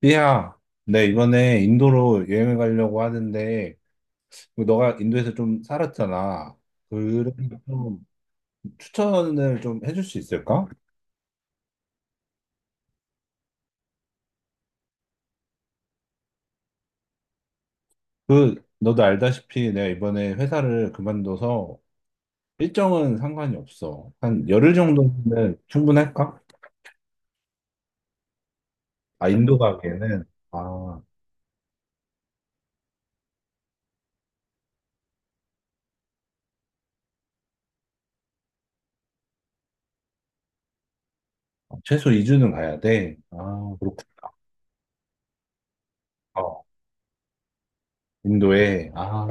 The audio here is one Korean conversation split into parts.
삐야, 내 이번에 인도로 여행을 가려고 하는데, 너가 인도에서 좀 살았잖아. 그래서 좀 추천을 좀 해줄 수 있을까? 그, 너도 알다시피 내가 이번에 회사를 그만둬서 일정은 상관이 없어. 한 열흘 정도면 충분할까? 아, 인도 가기에는? 아, 최소 2주는 가야 돼. 아, 그렇구나. 어, 인도에. 아,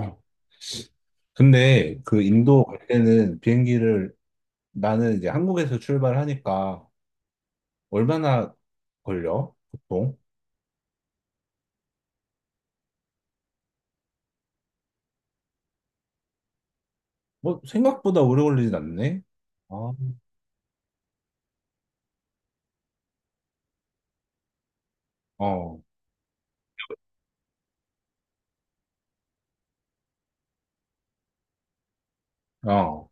근데 그 인도 갈 때는 비행기를 나는 이제 한국에서 출발하니까 얼마나 걸려? 보통? 뭐, 생각보다 오래 걸리진 않네? 아, 어, 어,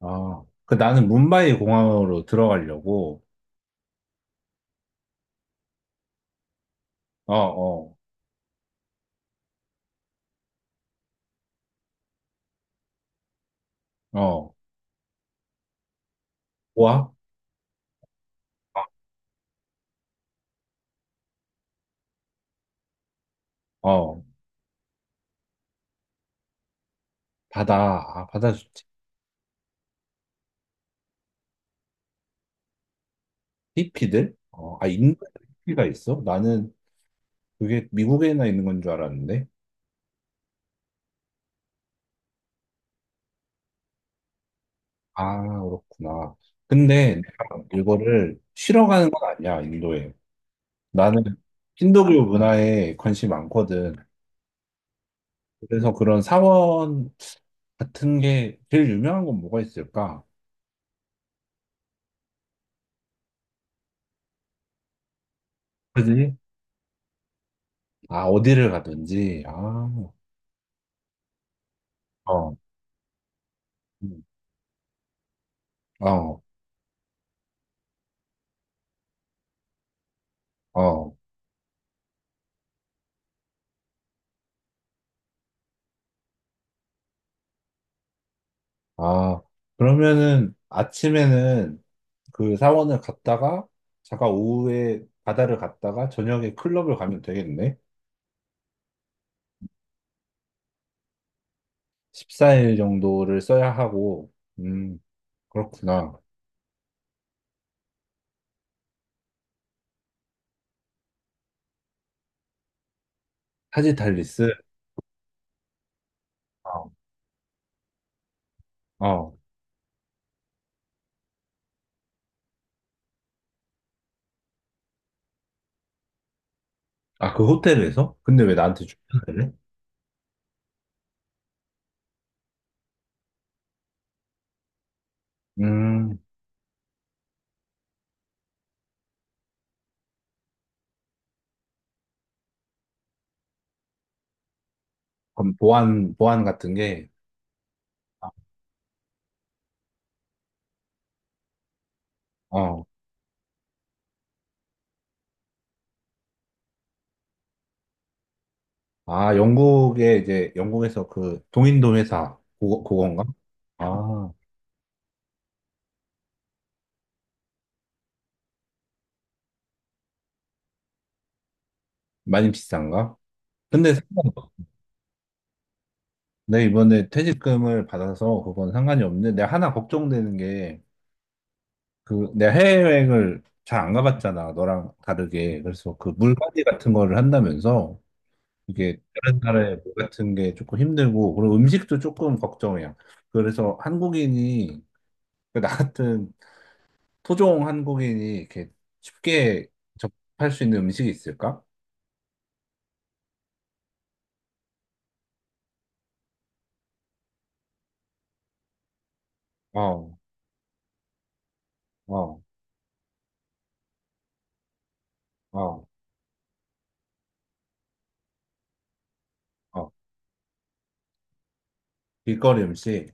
아. 그 나는 뭄바이 공항으로 들어가려고, 어, 어, 어. 뭐아 어, 바다, 아, 바다 좋지. 히피들? 어, 아, 인도에 히피가 있어? 나는 그게 미국에나 있는 건 줄 알았는데. 아, 그렇구나. 근데 내가 이거를 쉬러 가는 건 아니야, 인도에. 나는 힌두교 문화에 관심이 많거든. 그래서 그런 사원 같은 게 제일 유명한 건 뭐가 있을까? 그지? 아, 어디를 가든지. 아, 어, 음, 어, 어. 아, 그러면은 아침에는 그 사원을 갔다가, 잠깐 오후에 바다를 갔다가, 저녁에 클럽을 가면 되겠네? 14일 정도를 써야 하고, 음, 그렇구나. 타지탈리스? 어, 어. 아, 그 호텔에서? 근데 왜 나한테 주문을 해? 음, 그럼 보안 같은 게, 아, 어, 아, 영국에 이제, 영국에서 그 동인도 회사, 그거, 그건가? 아, 많이 비싼가? 근데 상관- 내가 이번에 퇴직금을 받아서 그건 상관이 없는데, 내가 하나 걱정되는 게, 그, 내가 해외여행을 잘 안 가봤잖아, 너랑 다르게. 그래서 그 물갈이 같은 거를 한다면서, 이게 다른 나라의 물 같은 게 조금 힘들고, 그리고 음식도 조금 걱정이야. 그래서 한국인이, 나 같은 토종 한국인이 이렇게 쉽게 접할 수 있는 음식이 있을까? 어, 어, 어, 어. 길거리 음식,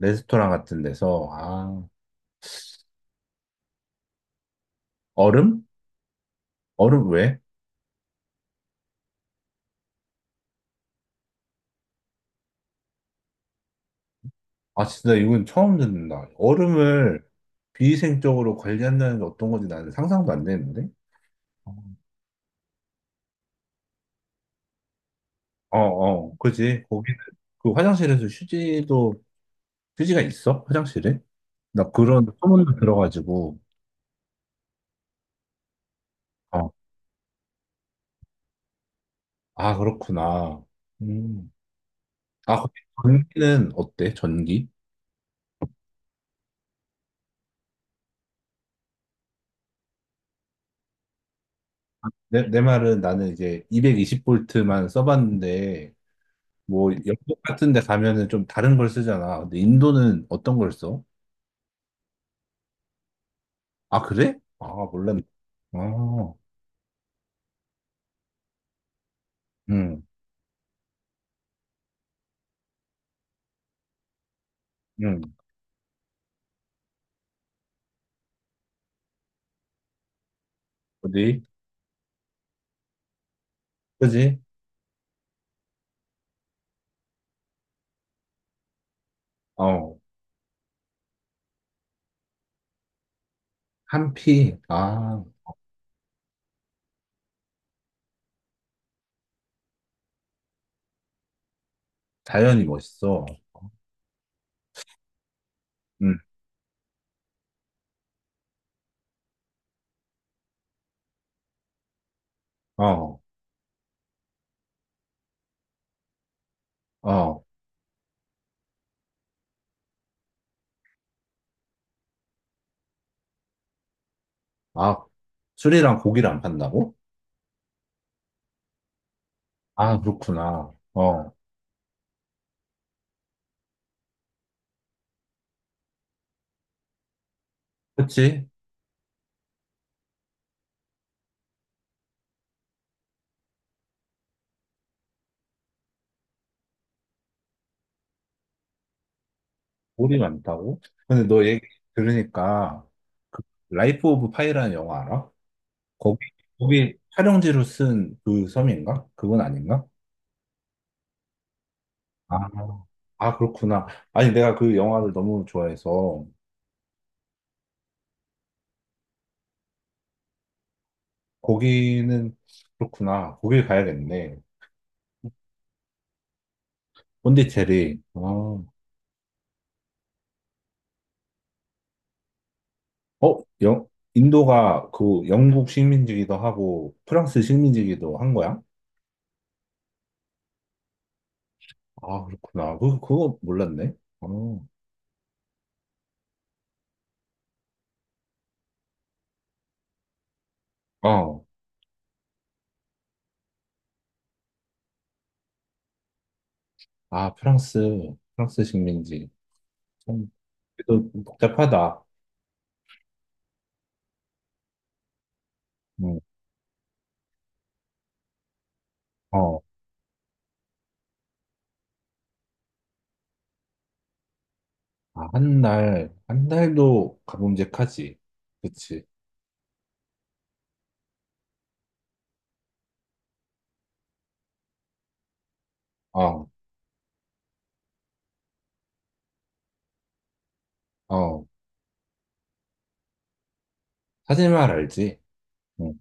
레스토랑 같은 데서, 아, 얼음? 얼음 왜? 아, 진짜 이건 처음 듣는다. 얼음을 비위생적으로 관리한다는 게 어떤 건지 나는 상상도 안 되는데? 어, 어, 그지. 거기, 그 화장실에서 휴지도, 휴지가 있어? 화장실에? 나 그런 소문도 들어가지고, 어, 아, 그렇구나. 음. 아, 거기 전기는 어때? 전기? 내 말은 나는 이제 220볼트만 써봤는데, 뭐, 영국 같은 데 가면은 좀 다른 걸 쓰잖아. 근데 인도는 어떤 걸 써? 아, 그래? 아, 몰랐네. 아, 응, 응. 어디? 그지? 어, 한피. 아, 자연이 멋있어. 응, 어, 어. 아, 술이랑 고기를 안 판다고? 아, 그렇구나. 어, 그치? 볼이 많다고? 근데 너 얘기 들으니까 그 라이프 오브 파이라는 영화 알아? 거기 거기 촬영지로 쓴 그 섬인가? 그건 아닌가? 아, 아 그렇구나. 아니 내가 그 영화를 너무 좋아해서 거기는 그렇구나. 거길 가야겠네. 본디체리 아, 어, 영, 인도가 그 영국 식민지기도 하고 프랑스 식민지기도 한 거야? 아, 그렇구나. 그, 그거 몰랐네. 어, 어. 아, 프랑스 식민지. 좀 그래도 좀 복잡하다. 응. 어. 아, 한 달, 한 달도 가뭄직하지. 그치. 어, 어. 사진만 알지. 응.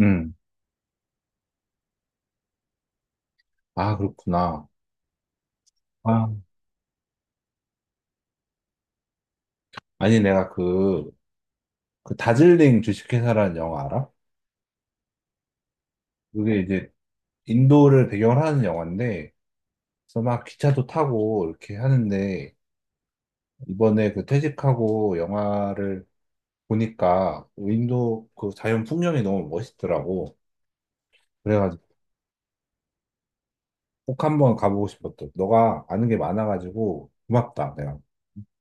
응. 아, 그렇구나. 아, 아니, 내가 그, 그 다즐링 주식회사라는 영화 알아? 그게 이제 인도를 배경으로 하는 영화인데, 그래서 막 기차도 타고 이렇게 하는데, 이번에 그 퇴직하고 영화를 보니까 인도 그 자연 풍경이 너무 멋있더라고. 고그래가지 꼭 한번 가보고 싶었어. 너가 아는 게 많아가지고 고맙다, 내가.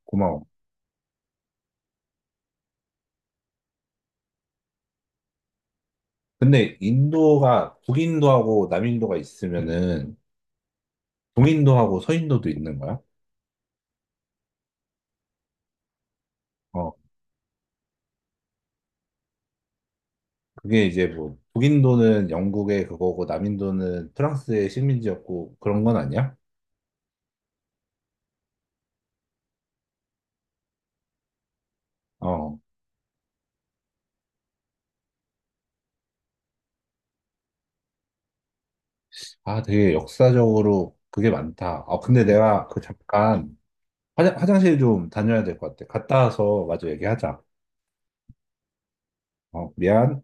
고마워. 근데 인도가 북인도하고 남인도가 있으면은 동인도하고 서인도도 있는 거야? 어, 그게 이제 뭐 북인도는 영국의 그거고 남인도는 프랑스의 식민지였고 그런 건 아니야? 어, 아 되게 역사적으로 그게 많다. 아 근데 내가 그 잠깐 화장실 좀 다녀야 될 것 같아. 갔다 와서 마저 얘기하자. 어, 미안.